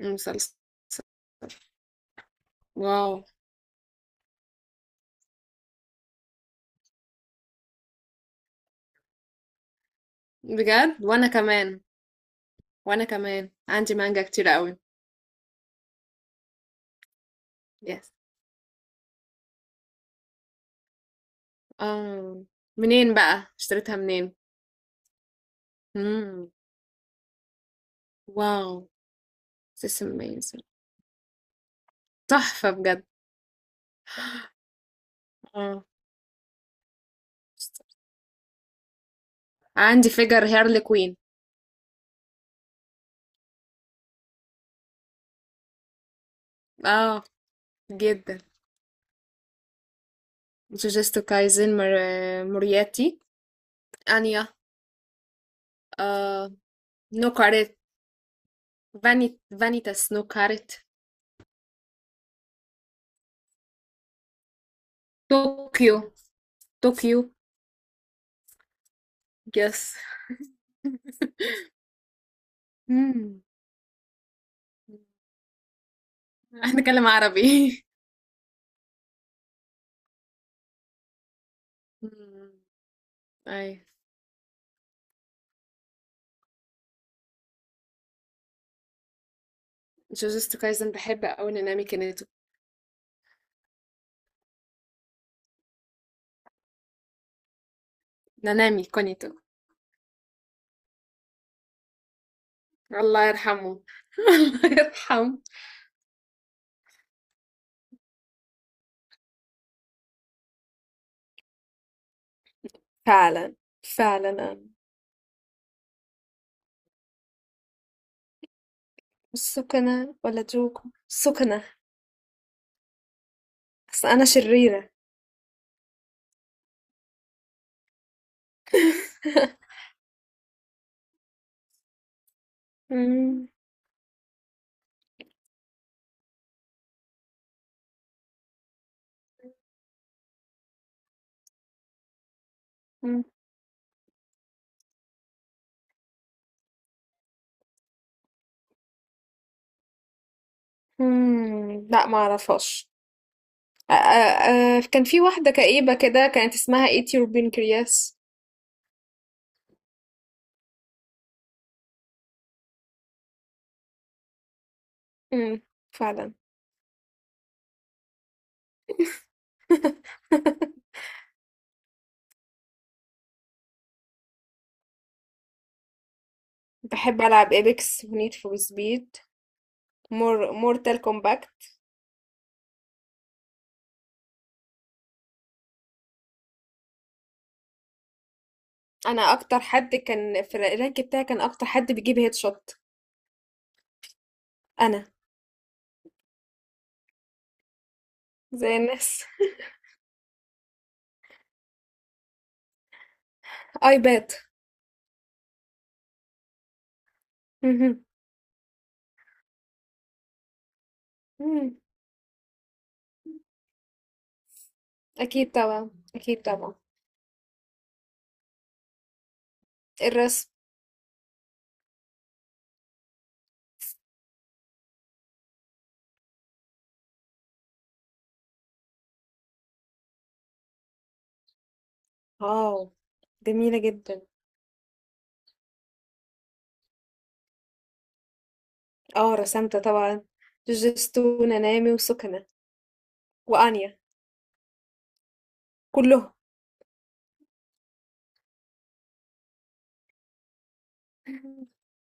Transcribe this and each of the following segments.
مسلسل. واو. بجد؟ وانا كمان. وانا كمان عندي مانجا كتير قوي. يس. اه. منين بقى اشتريتها منين؟ مم. واو. This amazing. تحفة بجد. اه. عندي فيجر هيرلي كوين. اه، جدا. جوجوتسو كايزن، مورياتي، انيا. آه. نوكاريت. فانيتاس نوكاريت. طوكيو. طوكيو. يس. مم. هنتكلم عربي. مم. أي. جوجوتسو كايزن، بحب أوي نانامي كونيتو. نانامي كونيتو. الله يرحمه. الله يرحمه. فعلا. فعلا أنا. السكنة ولا جوكو؟ السكنة. أصل أنا شريرة. مم. مم. لا، ما أعرفهاش. كان في واحدة كئيبة كده كانت اسمها ايتي روبين كرياس. مم. فعلا. بحب ألعب إيبكس ونيد فور سبيد. مورتال. انا اكتر حد كان في الرانك بتاعي، كان اكتر حد بيجيب هيد شوت. انا. زي الناس. ايباد. مهم. مم. اكيد طبعا، اكيد طبعا. الرسم. اه. جميلة جدا. اه، رسمت طبعا. جوجيتسو، نانامي، وسكنة، وانيا. كلهم.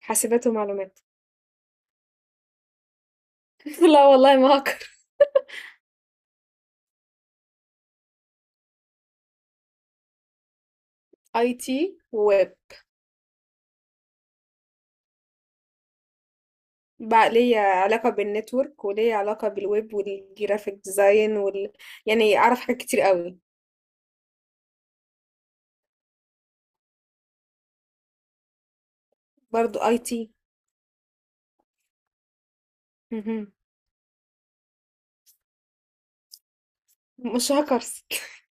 حاسبات ومعلومات. لا والله، ما هكر. اي تي وويب. بقى ليا علاقة بالنتورك، وليا علاقة بالويب والجرافيك ديزاين وال... يعني اعرف حاجات كتير قوي. برضو اي تي. اهم. مش هاكرز.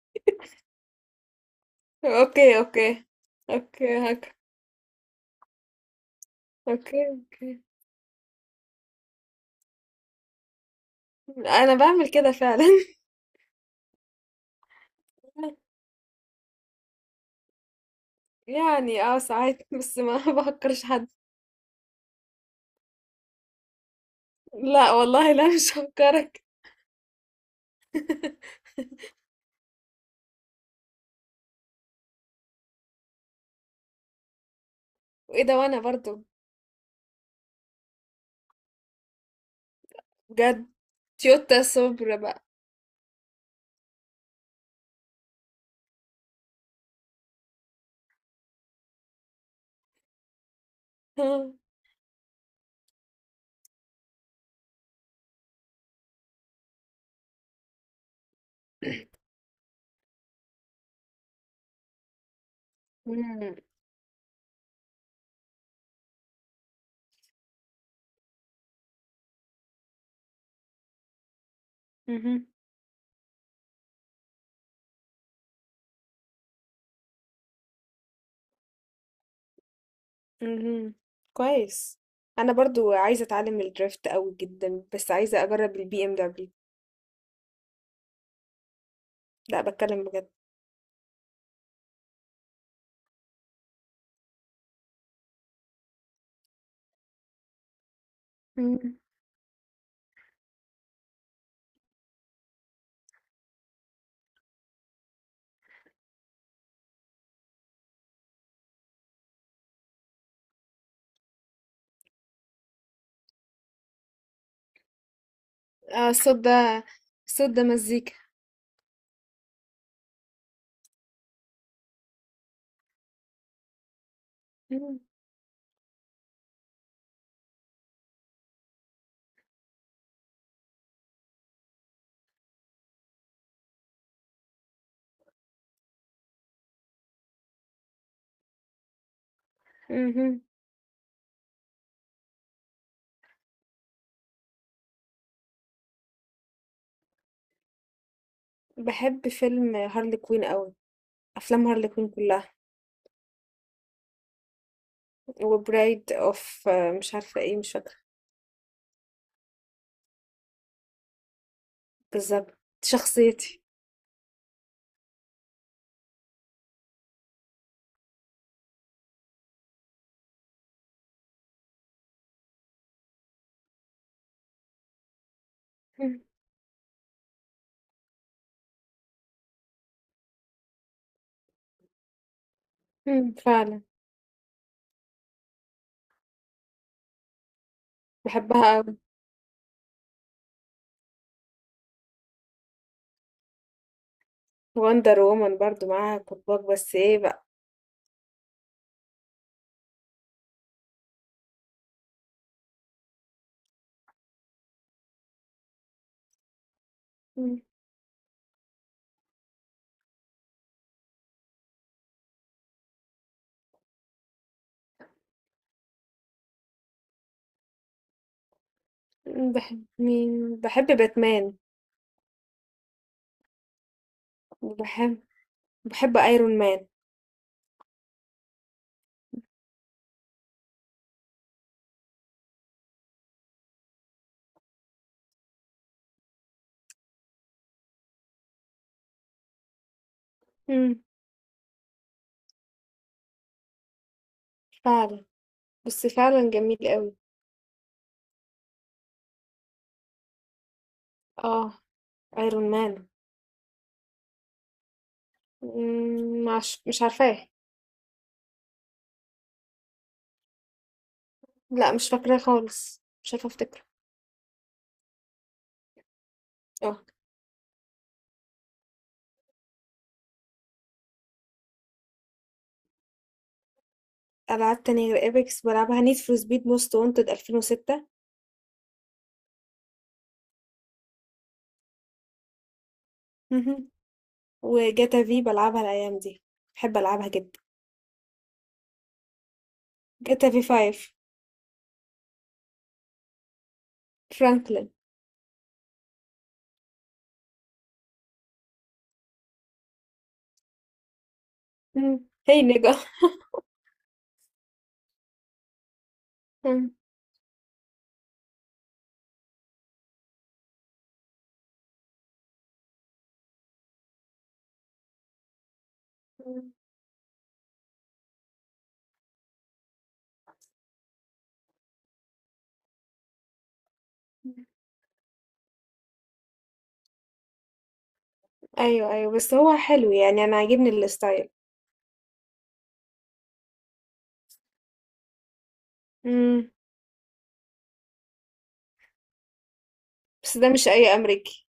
أوكي، أوكي. أوكي هاك. أوكي، أوكي. أنا بعمل كده فعلا. يعني اه، ساعات بس ما بهكرش حد. لا والله، لا، مش هفكرك. وايه ده؟ وانا برضو. بجد. تويوتا صبر بقى. مم. مهم. مهم. كويس. انا برضو عايزه اتعلم الدريفت قوي جدا، بس عايزه اجرب البي ام دبليو. لا، بتكلم بجد. مم. اه، صوت ده، مزيكا. إمم. اهم. باحب فيلم هارلي كوين أوي. أفلام هارلي كوين كلّها. وBride of، مش عارفة إيه، مش فاكرة. بالضبط، دي شخصيتي. إمم. إمم، فعلًا. باحبها أوي. Wonder Woman برضه معاها كُبّاك، بس إيه بقى؟ إمم. إمم، باحب مين؟ باحب Batman. وباحب، باحب Iron Man. إمم، فعلًا، بس فعلًا جميل أوي. آه. Iron Man. إمم، مش عارفاه. لأ، مش فاكراه خالص، مش عارفة أفتكره. آه. ألعاب تانية غير ايبكس بلعبها، نيد فور سبيد موست وانتد 2006، وجاتا في بلعبها الأيام دي، بحب ألعبها جدا. جاتا في 5. فرانكلين. مم. هي نجا. مم. أيوه، أيوه، بس هو حلو يعني، أنا عاجبني الستايل. مم. بس ده مش أي أمريكي.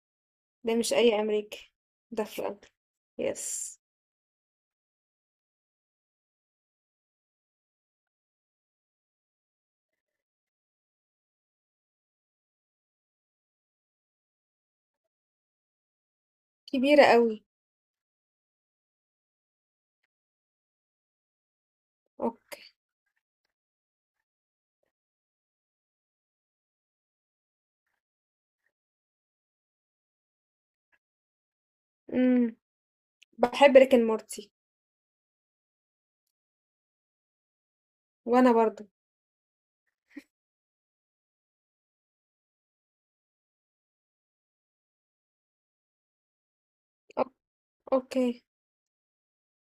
ده مش أي أمريكي. ده فرانكلين. يس. كبيرة قوي. أوك. مم. بحب ريك مورتي. وأنا برضو. أوك. أوكي.